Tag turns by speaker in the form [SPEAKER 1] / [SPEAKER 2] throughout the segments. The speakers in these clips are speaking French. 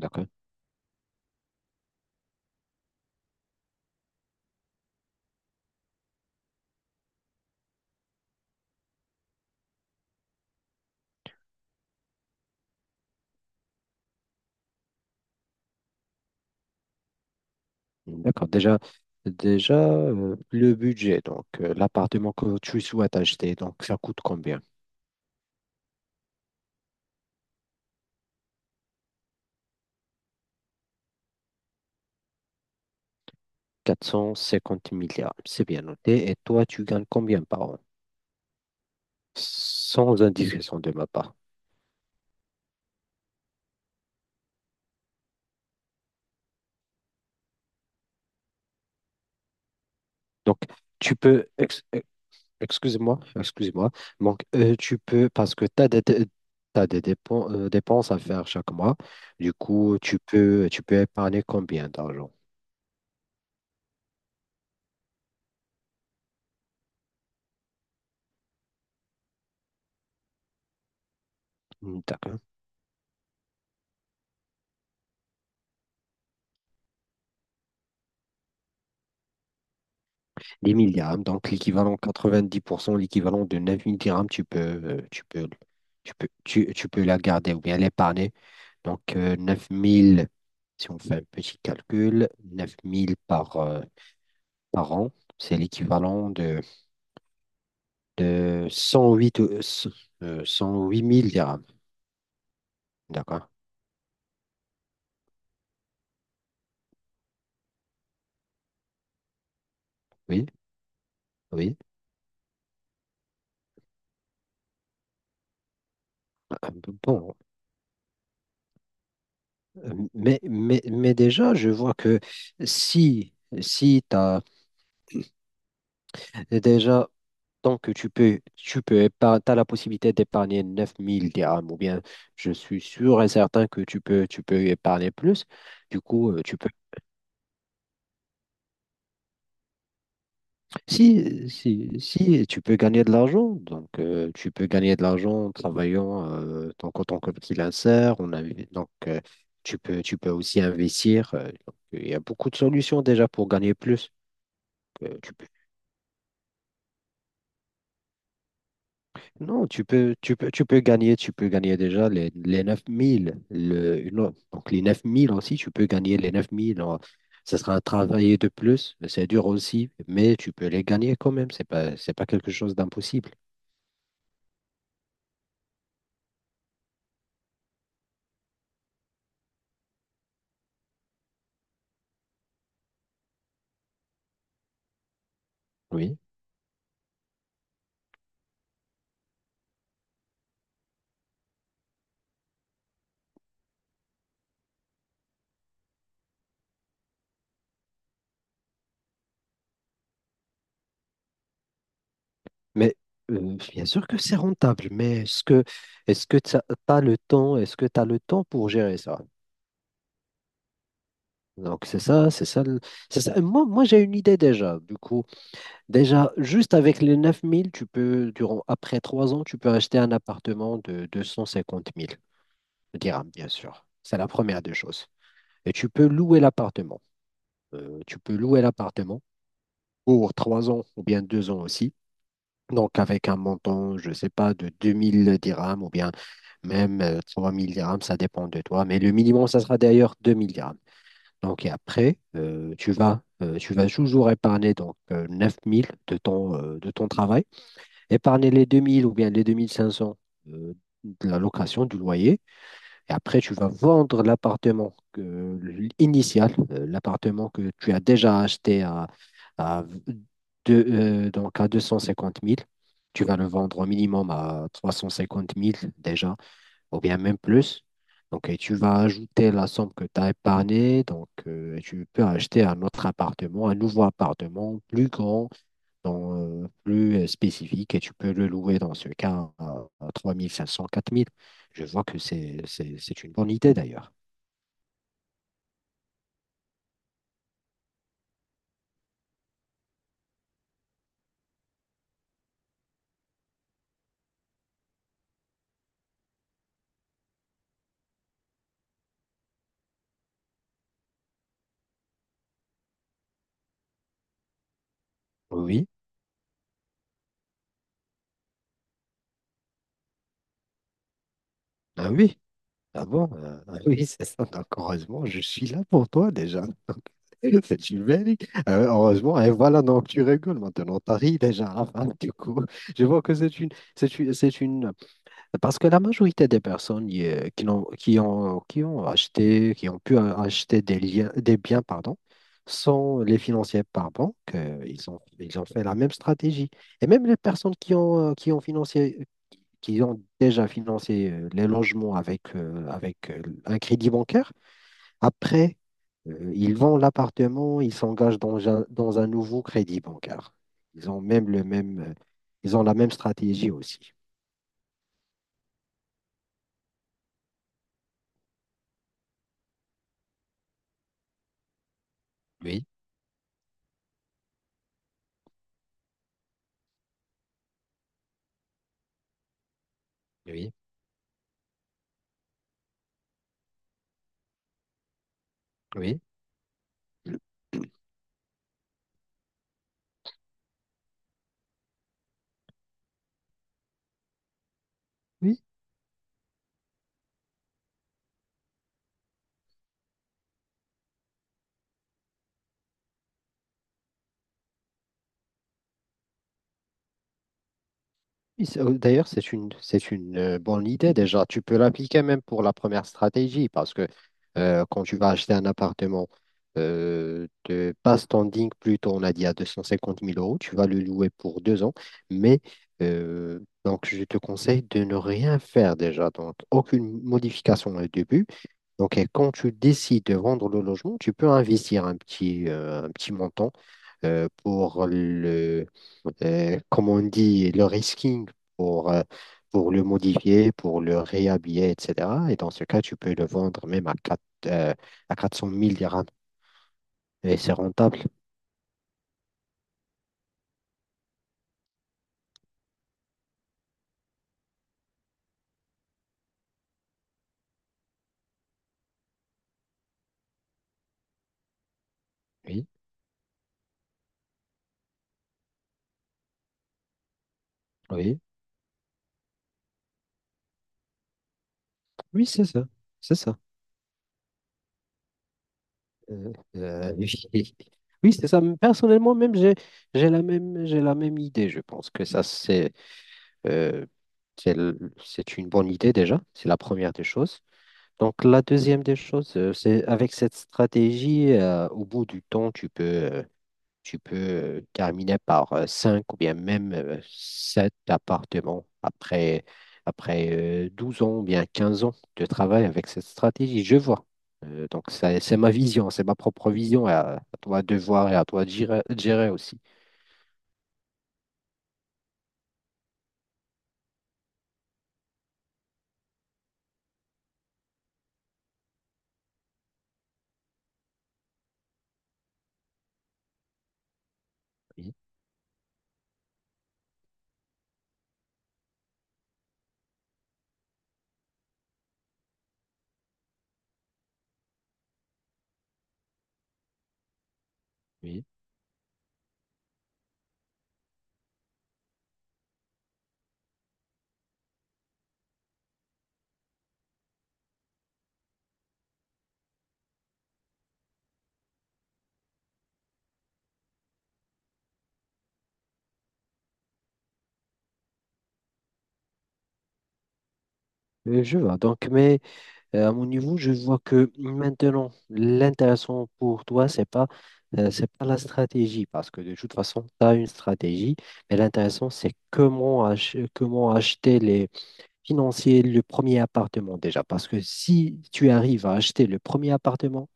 [SPEAKER 1] D'accord. D'accord. Déjà, le budget, donc, l'appartement que tu souhaites acheter, donc ça coûte combien? 450 milliards. C'est bien noté. Et toi, tu gagnes combien par an? Sans indication de ma part. Donc, tu peux, ex- euh, excuse-moi, excuse-moi. Donc, tu peux, parce que tu as des, dé- dépenses à faire chaque mois. Du coup, tu peux épargner combien d'argent? Hmm, d'accord. Des 1000 dirhams, donc l'équivalent 90% l'équivalent de 9 000 dirhams, tu peux la garder ou bien l'épargner. Donc, 9000 si on fait un petit calcul, neuf mille par an, c'est l'équivalent de 108, 108 000 dirhams. D'accord? Oui, oui. Ah bon, mais déjà, je vois que si, si tu as. Déjà, donc, tu peux épargner, t'as la possibilité d'épargner 9000 dirhams, ou bien je suis sûr et certain que tu peux épargner plus. Du coup, si tu peux gagner de l'argent, donc, tu peux gagner de l'argent en travaillant donc, en tant que freelancer, on a, donc, tu peux aussi investir. Donc, il y a beaucoup de solutions déjà pour gagner plus. Tu peux Non, tu peux, tu peux, tu peux gagner déjà les 9000, donc les 9000 aussi, tu peux gagner les 9 000. Alors, ça sera un travail de plus, c'est dur aussi, mais tu peux les gagner quand même. C'est pas quelque chose d'impossible. Oui. Mais, bien sûr que c'est rentable, mais est-ce que tu as le temps, est-ce que tu as le temps pour gérer ça? Donc c'est ça. Et moi, moi j'ai une idée déjà. Du coup, déjà, juste avec les 9000 après trois ans, tu peux acheter un appartement de 250 000 dirhams, bien sûr. C'est la première des choses. Et tu peux louer l'appartement. Tu peux louer l'appartement pour trois ans ou bien deux ans aussi. Donc, avec un montant, je ne sais pas, de 2 000 dirhams ou bien même, 3 000 dirhams, ça dépend de toi. Mais le minimum, ça sera d'ailleurs 2 000 dirhams. Donc, et après, tu vas toujours épargner donc, 9 000 de ton travail. Épargner les 2 000 ou bien les 2 500 euh, de la location, du loyer. Et après, tu vas vendre l'appartement que tu as déjà acheté à, à, à 250 000. Tu vas le vendre au minimum à 350 000 déjà, ou bien même plus. Donc, et tu vas ajouter la somme que tu as épargnée. Donc, et tu peux acheter un autre appartement, un nouveau appartement plus grand, plus spécifique et tu peux le louer dans ce cas à 3 500, 4 000. Je vois que c'est une bonne idée d'ailleurs. Oui, ah oui, ah bon, ah oui, c'est ça. Donc, heureusement, je suis là pour toi déjà. Donc, c'est une belle idée. Heureusement, et voilà, donc tu rigoles maintenant, t'as ri déjà. Enfin, du coup, je vois que c'est une, c'est une, c'est une parce que la majorité des personnes qui n'ont- qui ont, acheté, qui ont pu acheter des liens, des biens, pardon, sont les financiers par banque. Ils ont fait la même stratégie. Et même les personnes qui ont déjà financé les logements avec un crédit bancaire, après, ils vendent l'appartement, ils s'engagent dans un nouveau crédit bancaire. Ils ont même le même, euh, Ils ont la même stratégie aussi. Oui, oui, oui. Oui, oh, d'ailleurs, c'est une bonne idée déjà. Tu peux l'appliquer même pour la première stratégie parce que, quand tu vas acheter un appartement de pas standing, plutôt on a dit à 250 000 euros, tu vas le louer pour deux ans. Mais donc, je te conseille de ne rien faire déjà. Donc, aucune modification au début. Donc, et quand tu décides de vendre le logement, tu peux investir un petit montant euh, pour le, comme on dit, le risking pour, euh, pour le modifier, pour le réhabiller, etc. Et dans ce cas, tu peux le vendre même à 400 000 dirhams. Et c'est rentable. Oui, oui, oui, c'est ça. C'est ça. Euh, euh, oui, oui, c'est ça. Personnellement, même, j'ai la même idée. Je pense que ça, Euh, c'est l- c'est une bonne idée déjà, c'est la première des choses. Donc la deuxième des choses, c'est avec cette stratégie, au bout du temps, tu peux terminer par cinq ou bien même sept appartements après, après 12 ans ou bien 15 ans de travail avec cette stratégie. Je vois. C'est ma vision, c'est ma propre vision, à toi de voir et à toi de gérer aussi. Oui, oui. Je vois. À mon niveau, je vois que maintenant, l'intéressant pour toi, c'est pas, c'est pas la stratégie, parce que de toute façon, tu as une stratégie, mais l'intéressant, c'est comment acheter les financiers le premier appartement déjà. Parce que si tu arrives à acheter le premier appartement,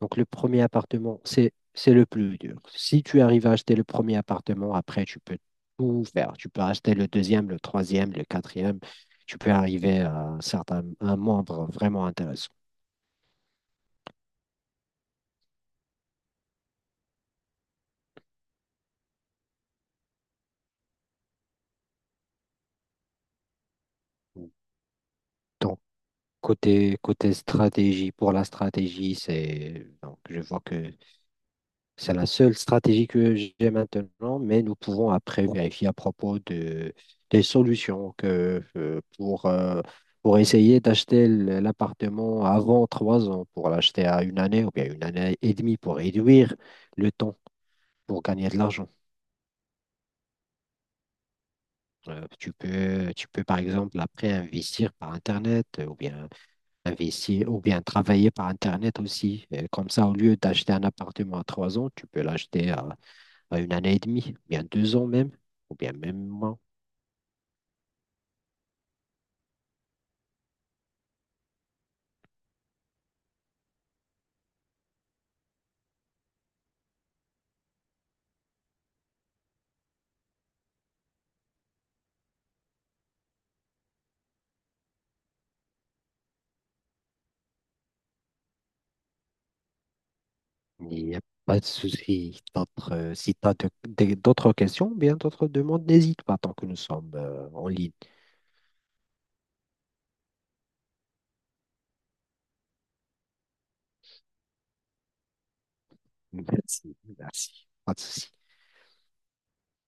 [SPEAKER 1] donc le premier appartement, c'est le plus dur. Si tu arrives à acheter le premier appartement, après, tu peux tout faire. Tu peux acheter le deuxième, le troisième, le quatrième. Tu peux arriver à un nombre vraiment intéressant. Donc, côté stratégie, pour la stratégie, c'est donc je vois que c'est la seule stratégie que j'ai maintenant, mais nous pouvons après vérifier à propos des solutions pour essayer d'acheter l'appartement avant trois ans, pour l'acheter à une année ou bien une année et demie pour réduire le temps pour gagner de l'argent. Tu peux par exemple après investir par Internet ou bien investir ou bien travailler par Internet aussi. Comme ça, au lieu d'acheter un appartement à trois ans, tu peux l'acheter à une année et demie, bien deux ans même, ou bien même moins. Il n'y a pas de souci. Si tu as d'autres questions, bien d'autres demandes, n'hésite pas tant que nous sommes en ligne. Merci, merci. Pas de souci.